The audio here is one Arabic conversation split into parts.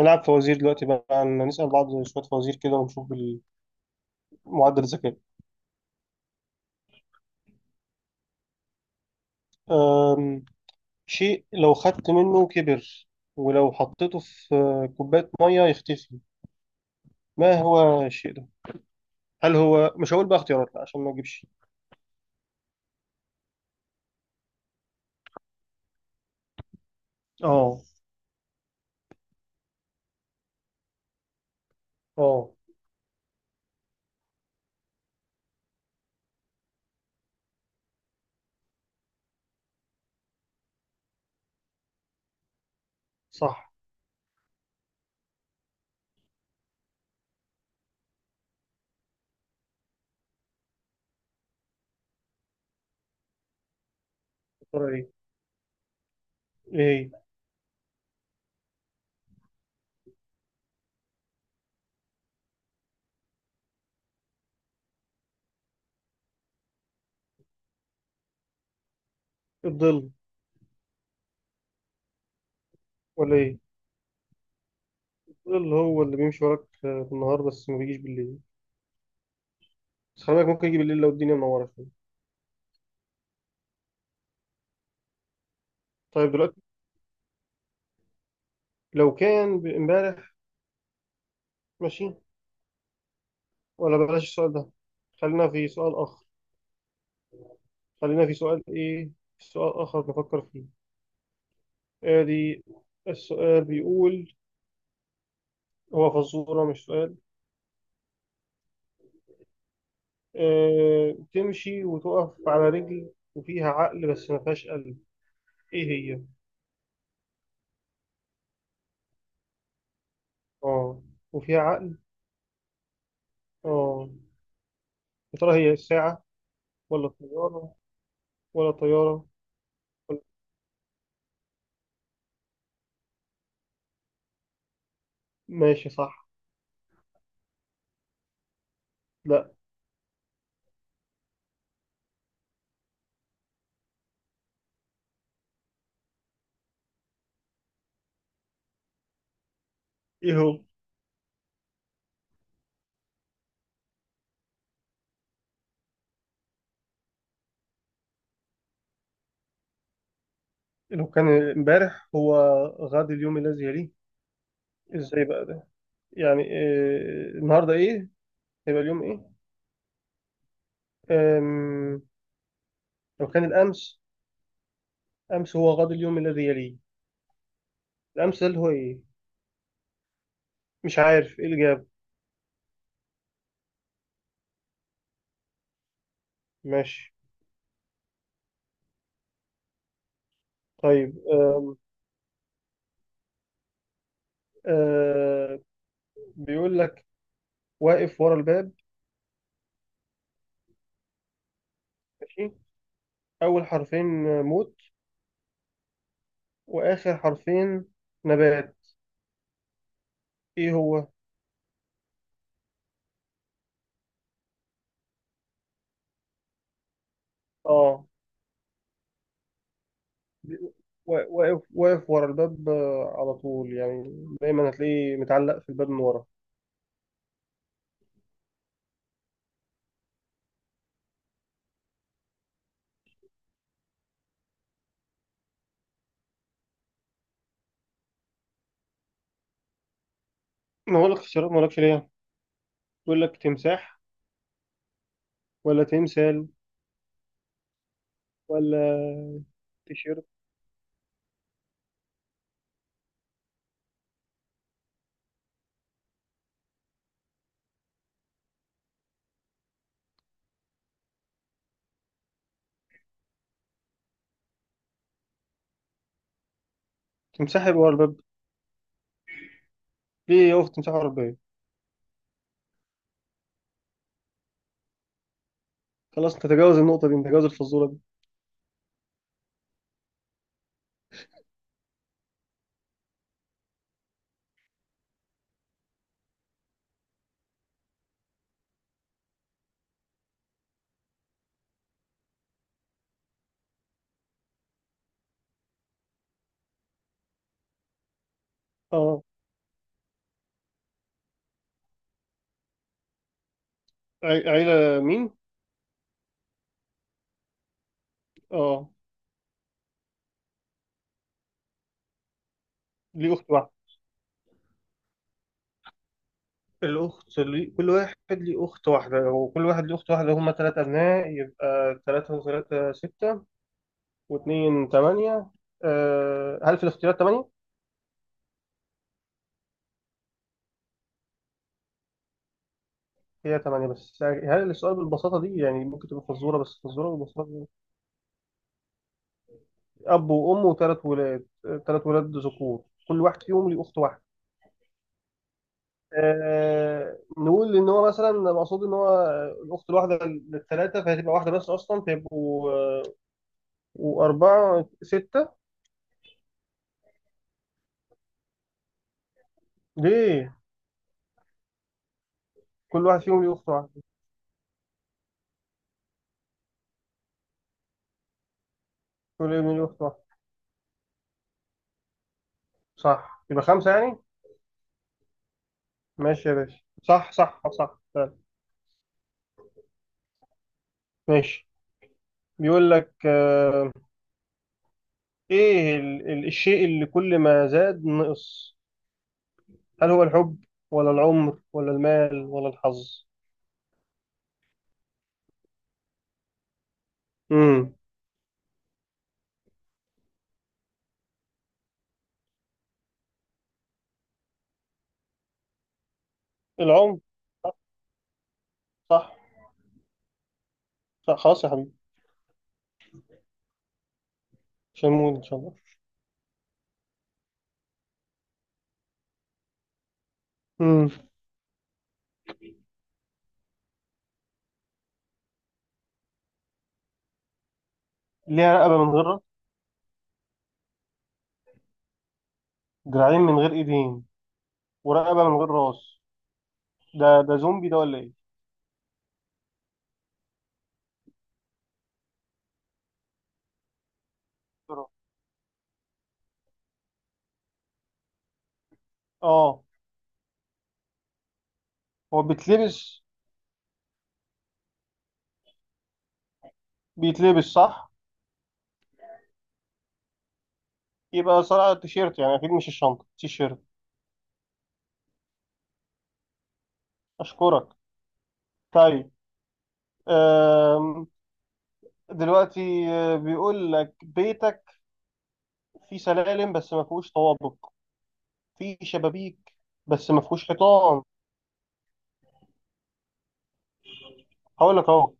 نلعب فوازير دلوقتي بقى نسأل بعض شوية فوازير كده ونشوف معدل الذكاء. أم، شيء لو خدت منه كبر ولو حطيته في كوباية مية يختفي، ما هو الشيء ده؟ هل هو، مش هقول بقى اختيارات لا عشان ما اجيبش. اه. اه، صح. يا ترى ايه؟ ايه، الظل ولا ايه؟ الظل هو اللي بيمشي وراك في النهار بس ما بيجيش بالليل. بس خلي بالك ممكن يجي بالليل لو الدنيا منورة شوية. طيب دلوقتي لو كان امبارح، ماشي، ولا بلاش السؤال ده، خلينا في سؤال آخر. خلينا في سؤال إيه، في سؤال آخر نفكر فيه. آدي السؤال بيقول، هو فزورة مش سؤال. آه، تمشي وتقف على رجل وفيها عقل بس ما فيهاش قلب، إيه هي؟ آه، وفيها عقل. آه، يا ترى هي الساعة ولا الطيارة ولا طيارة ولا... ماشي صح. لا، إيه هو؟ لو كان امبارح هو غد اليوم الذي يليه، إزاي بقى ده؟ يعني آه، النهاردة إيه؟ هيبقى اليوم إيه؟ آم، لو كان الأمس، أمس هو غد اليوم الذي يليه. الأمس ده اللي هو إيه، مش عارف إيه اللي جاب. ماشي. طيب آه، بيقول لك واقف ورا الباب. ماشي، أول حرفين موت وآخر حرفين نبات، إيه هو؟ آه، بي- وا- واقف ورا الباب، على طول يعني، دايما هتلاقيه متعلق في الباب من ورا. ما هو لك اختيارات، ما لكش ليه، بيقول لك تمساح ولا تمثال ولا تيشيرت. تمساح يبقى ورا الباب؟ ليه يقف تمساح ورا الباب؟ خلاص نتجاوز النقطة دي، نتجاوز الفزورة دي. اه، عيلة مين؟ اه. ليه أخت واحدة. الأخت كل واحد ليه أخت واحدة، هو كل واحد ليه أخت واحدة، هما تلاتة أبناء يبقى تلاتة وتلاتة ستة واتنين تمانية. هل في الاختيارات تمانية؟ هي تمانية، بس هل السؤال بالبساطة دي؟ يعني ممكن تبقى فزورة، بس فزورة بالبساطة دي؟ أب وأم وتلات ولاد، تلات ولاد ذكور كل واحد فيهم ليه أخت واحدة. نقول ان هو مثلا مقصود ان هو الاخت الواحده للثلاثه، فهتبقى واحده بس اصلا، فيبقوا واربعه سته. ليه؟ كل واحد فيهم ليه اخت واحده، كل ابن ليه اخت واحده. صح، يبقى خمسه يعني. ماشي يا باشا، صح صح صح فعلا. ماشي. بيقول لك ايه الشيء اللي كل ما زاد نقص؟ هل هو الحب ولا العمر ولا المال ولا الحظ؟ امم. العمر. صح. صح خلاص يا حبيبي، مش هنموت ان شاء الله. مم. ليها رقبة من غير راس، دراعين من غير ايدين ورقبة من غير راس. ده زومبي ده ولا ايه؟ اه، هو بيتلبس؟ بيتلبس، صح؟ يبقى صراحة التيشيرت يعني، اكيد مش الشنطة، تيشيرت. اشكرك. طيب. أم... دلوقتي بيقول لك بيتك فيه سلالم بس ما فيهوش طوابق، فيه شبابيك بس ما فيهوش حيطان. هقول لك اهو،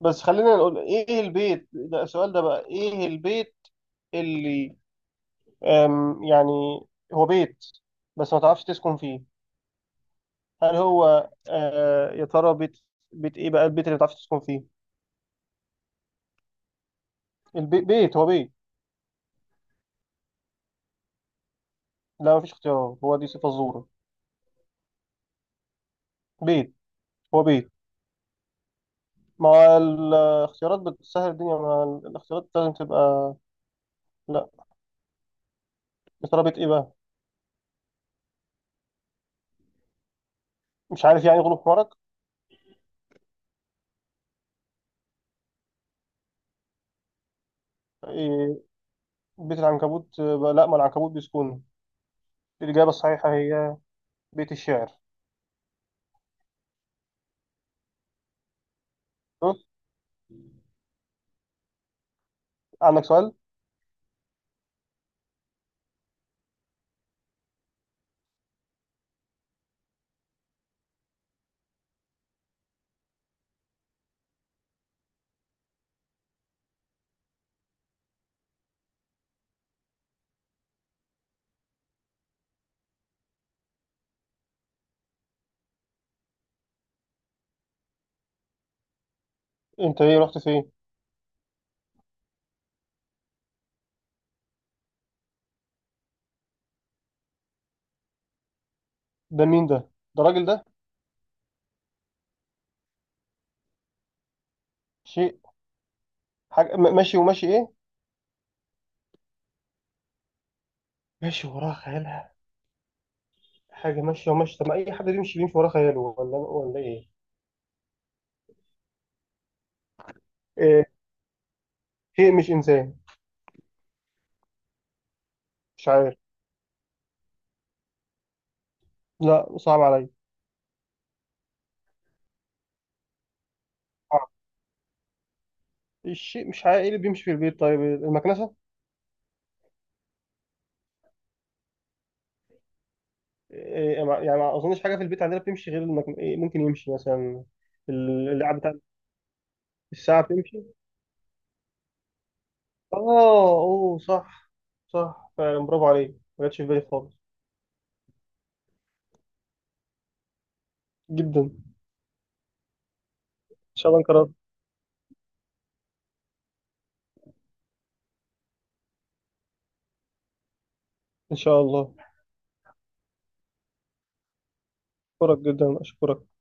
بس خلينا نقول ايه البيت ده. السؤال ده بقى، ايه البيت اللي يعني هو بيت بس ما تعرفش تسكن فيه؟ هل هو يا ترى بيت، بيت ايه بقى البيت اللي ما تعرفش تسكن فيه؟ البيت بيت، هو بيت. لا ما فيش اختيارات، هو دي صفة الزورة. بيت. هو بيت. ما هو الاختيارات بتسهل الدنيا، ما الاختيارات لازم تبقى. لا. يا ترى بيت ايه بقى؟ مش عارف يعني، غلوب حمارك. إيه، بيت العنكبوت؟ لا، ما العنكبوت بيسكن. الإجابة الصحيحة هي بيت الشعر. شوف، عندك سؤال. انت ايه، رحت فين؟ ده مين ده؟ ده الراجل ده؟ شيء. حاجة، ماشي وماشي إيه؟ ماشي وراه خيالها. حاجة ماشية وماشية؟ طب ما أي حد بيمشي، بيمشي وراه خياله، ولا إيه؟ إيه. شيء مش إنسان؟ مش عارف. لا صعب عليا. صعب. الشيء، مش عارف إيه اللي بيمشي في البيت. طيب المكنسة؟ إيه، يعني ما أظنش حاجة في البيت عندنا بتمشي غير إيه ممكن يمشي مثلا اللعب بتاع. الساعة بتمشي. آه، أوه صح. صح فعلا، برافو عليك. ما جاتش في بالي خالص. جدا. إن شاء الله انقرأت. إن شاء الله. أشكرك جدا، أشكرك.